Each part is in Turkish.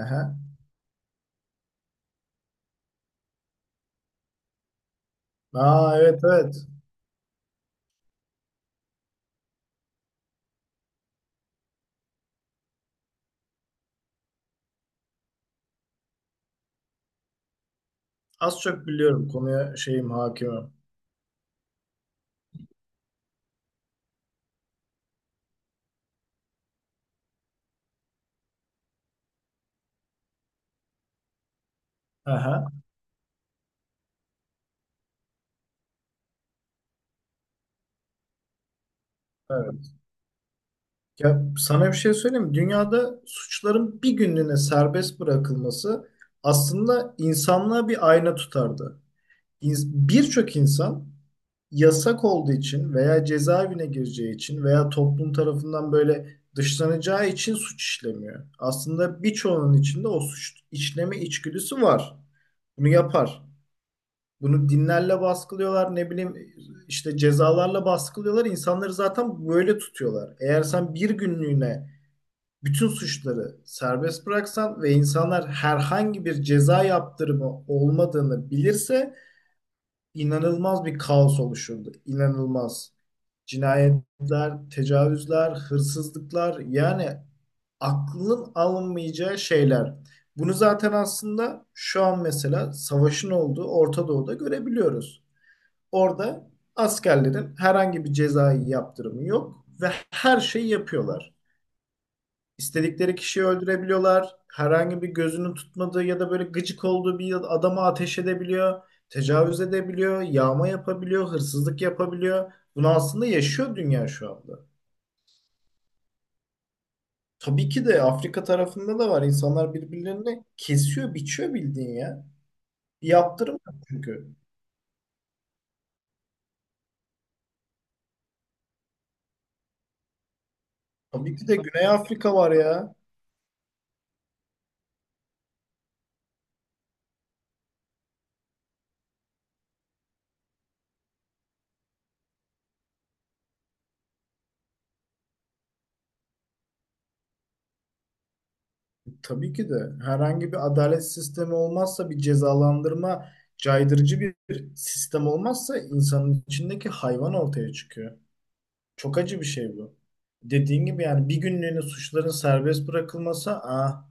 Aha. Aa, evet evet. Az çok biliyorum konuya şeyim hakimim. Aha, evet. Ya sana bir şey söyleyeyim mi? Dünyada suçların bir günlüğüne serbest bırakılması aslında insanlığa bir ayna tutardı. Birçok insan yasak olduğu için veya cezaevine gireceği için veya toplum tarafından böyle dışlanacağı için suç işlemiyor. Aslında birçoğunun içinde o suç işleme içgüdüsü var. Bunu yapar. Bunu dinlerle baskılıyorlar, ne bileyim işte cezalarla baskılıyorlar. İnsanları zaten böyle tutuyorlar. Eğer sen bir günlüğüne bütün suçları serbest bıraksan ve insanlar herhangi bir ceza yaptırımı olmadığını bilirse inanılmaz bir kaos oluşurdu. İnanılmaz. Cinayetler, tecavüzler, hırsızlıklar yani aklın alınmayacağı şeyler. Bunu zaten aslında şu an mesela savaşın olduğu Orta Doğu'da görebiliyoruz. Orada askerlerin herhangi bir cezai yaptırımı yok ve her şeyi yapıyorlar. İstedikleri kişiyi öldürebiliyorlar. Herhangi bir gözünün tutmadığı ya da böyle gıcık olduğu bir adama ateş edebiliyor. Tecavüz edebiliyor, yağma yapabiliyor, hırsızlık yapabiliyor. Bunu aslında yaşıyor dünya şu anda. Tabii ki de Afrika tarafında da var. İnsanlar birbirlerini kesiyor, biçiyor bildiğin ya. Bir yaptırım yok çünkü. Tabii ki de Güney Afrika var ya. Tabii ki de herhangi bir adalet sistemi olmazsa bir cezalandırma caydırıcı bir sistem olmazsa insanın içindeki hayvan ortaya çıkıyor. Çok acı bir şey bu. Dediğin gibi yani bir günlüğüne suçların serbest bırakılması ah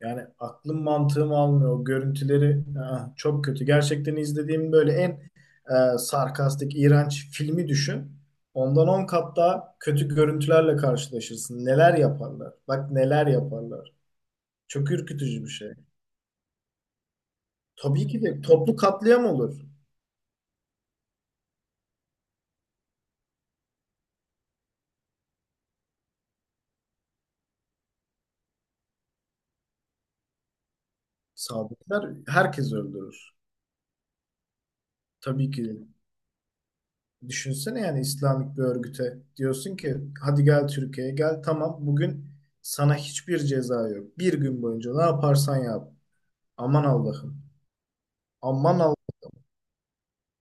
yani aklım mantığım almıyor. O görüntüleri ah, çok kötü. Gerçekten izlediğim böyle en sarkastik, iğrenç filmi düşün. Ondan 10 kat daha kötü görüntülerle karşılaşırsın. Neler yaparlar? Bak neler yaparlar. Çok ürkütücü bir şey. Tabii ki de toplu katliam olur. Sadıklar herkes öldürür. Tabii ki de. Düşünsene yani İslamik bir örgüte diyorsun ki hadi gel Türkiye'ye gel tamam bugün sana hiçbir ceza yok. Bir gün boyunca ne yaparsan yap. Aman Allah'ım. Aman Allah.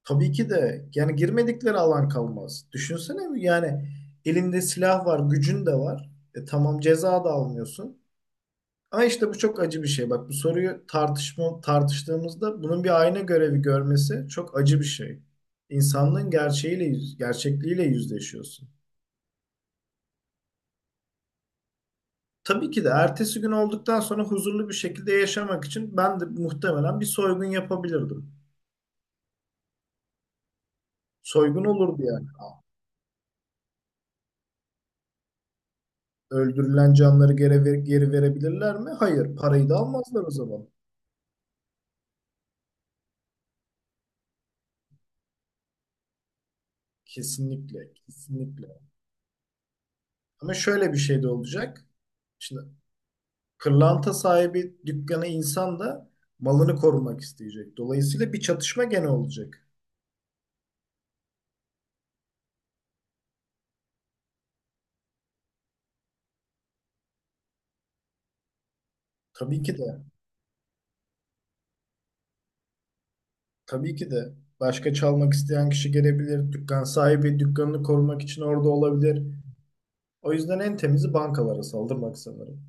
Tabii ki de yani girmedikleri alan kalmaz. Düşünsene yani elinde silah var, gücün de var. E tamam ceza da almıyorsun. Ama işte bu çok acı bir şey. Bak bu soruyu tartışma, tartıştığımızda bunun bir ayna görevi görmesi çok acı bir şey. İnsanlığın gerçekliğiyle yüzleşiyorsun. Tabii ki de ertesi gün olduktan sonra huzurlu bir şekilde yaşamak için ben de muhtemelen bir soygun yapabilirdim. Soygun olurdu yani. Öldürülen canları geri verebilirler mi? Hayır. Parayı da almazlar o zaman. Kesinlikle. Kesinlikle. Ama şöyle bir şey de olacak. Şimdi Kırlanta sahibi dükkanı insan da malını korumak isteyecek. Dolayısıyla bir çatışma gene olacak. Tabii ki de, tabii ki de, başka çalmak isteyen kişi gelebilir. Dükkan sahibi dükkanını korumak için orada olabilir. O yüzden en temizi bankalara saldırmak sanırım.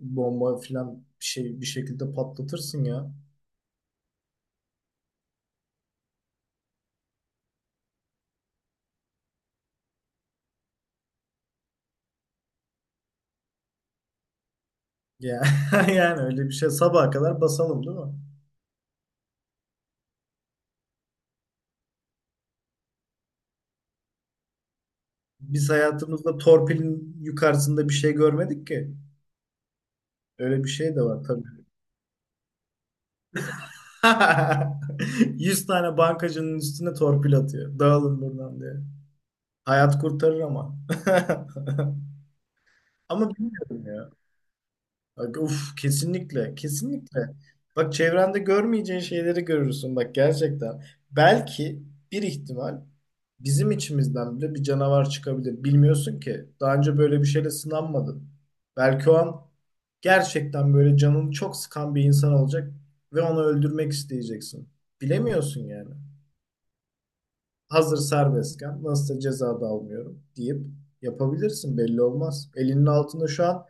Bomba filan bir şey bir şekilde patlatırsın ya. Ya yani öyle bir şey sabaha kadar basalım değil mi? Biz hayatımızda torpilin yukarısında bir şey görmedik ki. Öyle bir şey de var tabii. 100 tane bankacının üstüne torpil atıyor. Dağılın buradan diye. Hayat kurtarır ama. Ama bilmiyorum ya. Bak, uf kesinlikle. Kesinlikle. Bak çevrende görmeyeceğin şeyleri görürsün. Bak gerçekten. Belki bir ihtimal bizim içimizden bile bir canavar çıkabilir. Bilmiyorsun ki. Daha önce böyle bir şeyle sınanmadın. Belki o an gerçekten böyle canını çok sıkan bir insan olacak ve onu öldürmek isteyeceksin. Bilemiyorsun yani. Hazır serbestken nasılsa ceza da almıyorum deyip yapabilirsin belli olmaz. Elinin altında şu an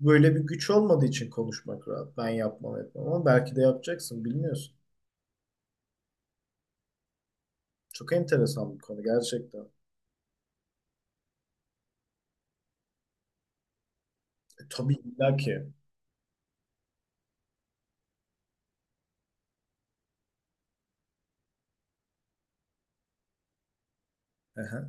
böyle bir güç olmadığı için konuşmak rahat. Ben yapmam etmem ama belki de yapacaksın bilmiyorsun. Çok enteresan bir konu gerçekten. Tabii illa ki. Aha.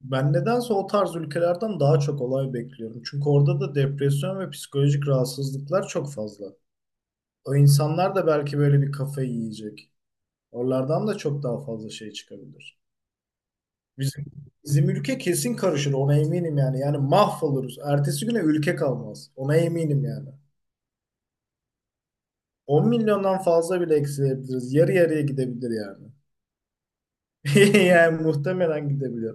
Ben nedense o tarz ülkelerden daha çok olay bekliyorum. Çünkü orada da depresyon ve psikolojik rahatsızlıklar çok fazla. O insanlar da belki böyle bir kafayı yiyecek. Oralardan da çok daha fazla şey çıkabilir. Bizim, Bizim ülke kesin karışır ona eminim yani. Yani mahvoluruz. Ertesi güne ülke kalmaz. Ona eminim yani. 10 milyondan fazla bile eksilebiliriz. Yarı yarıya gidebilir yani. Yani muhtemelen gidebilir.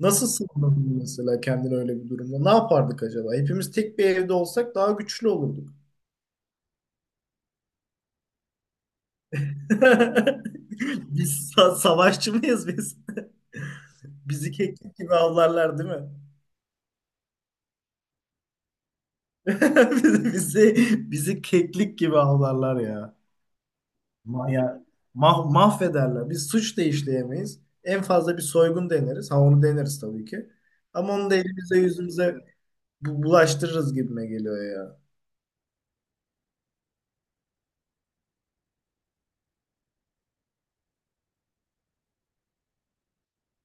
Nasıl sığınırdın mesela kendini öyle bir durumda? Ne yapardık acaba? Hepimiz tek bir evde olsak daha güçlü olurduk. Savaşçı mıyız biz? Bizi keklik gibi avlarlar değil mi? Bizi, bizi bizi, keklik gibi avlarlar ya. Ma- ya, Mahvederler. Biz suç da işleyemeyiz. En fazla bir soygun deneriz. Ha onu deneriz tabii ki. Ama onu da elimize yüzümüze bulaştırırız gibime geliyor ya.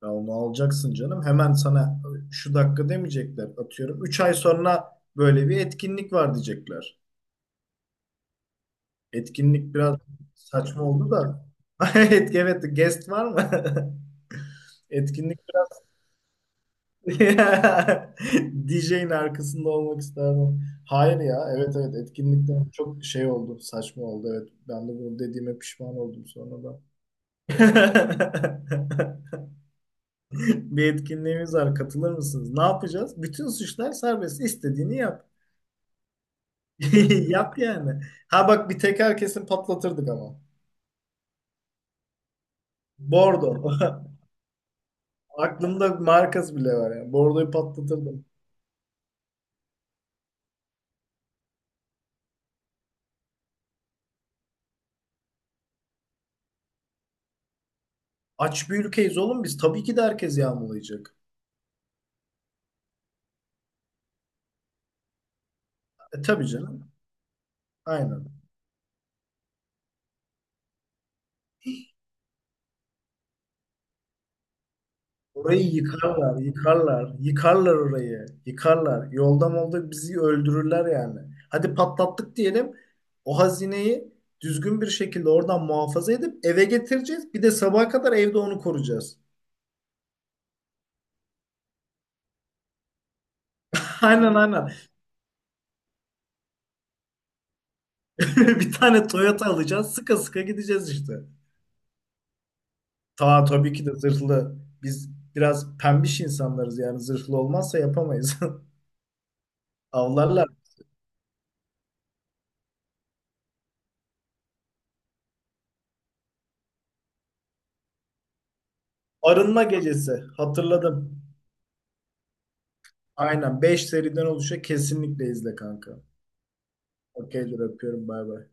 Ya onu alacaksın canım. Hemen sana şu dakika demeyecekler. Atıyorum. 3 ay sonra böyle bir etkinlik var diyecekler. Etkinlik biraz saçma oldu da. Evet, evet guest var mı? Etkinlik DJ'in arkasında olmak isterdim. Hayır ya. Evet evet etkinlikten çok şey oldu. Saçma oldu. Evet. Ben de bunu dediğime pişman oldum sonra da. Bir etkinliğimiz var. Katılır mısınız? Ne yapacağız? Bütün suçlar serbest. İstediğini yap. Yap yani. Ha bak bir teker kesin patlatırdık ama. Bordo. Aklımda markası bile var yani. Bordoyu patlatırdım. Aç bir ülkeyiz oğlum biz. Tabii ki de herkes yağmalayacak. E tabii canım. Aynen. Orayı yıkarlar, yıkarlar, yıkarlar orayı, yıkarlar. Yolda molda bizi öldürürler yani. Hadi patlattık diyelim. O hazineyi düzgün bir şekilde oradan muhafaza edip eve getireceğiz. Bir de sabaha kadar evde onu koruyacağız. Aynen aynen. Bir tane Toyota alacağız. Sıka sıka gideceğiz işte. Tabii ki de zırhlı. Biz biraz pembiş insanlarız yani zırhlı olmazsa yapamayız. Avlarlar. Arınma gecesi. Hatırladım. Aynen 5 seriden oluşuyor. Kesinlikle izle kanka. Okeydir öpüyorum bay bay.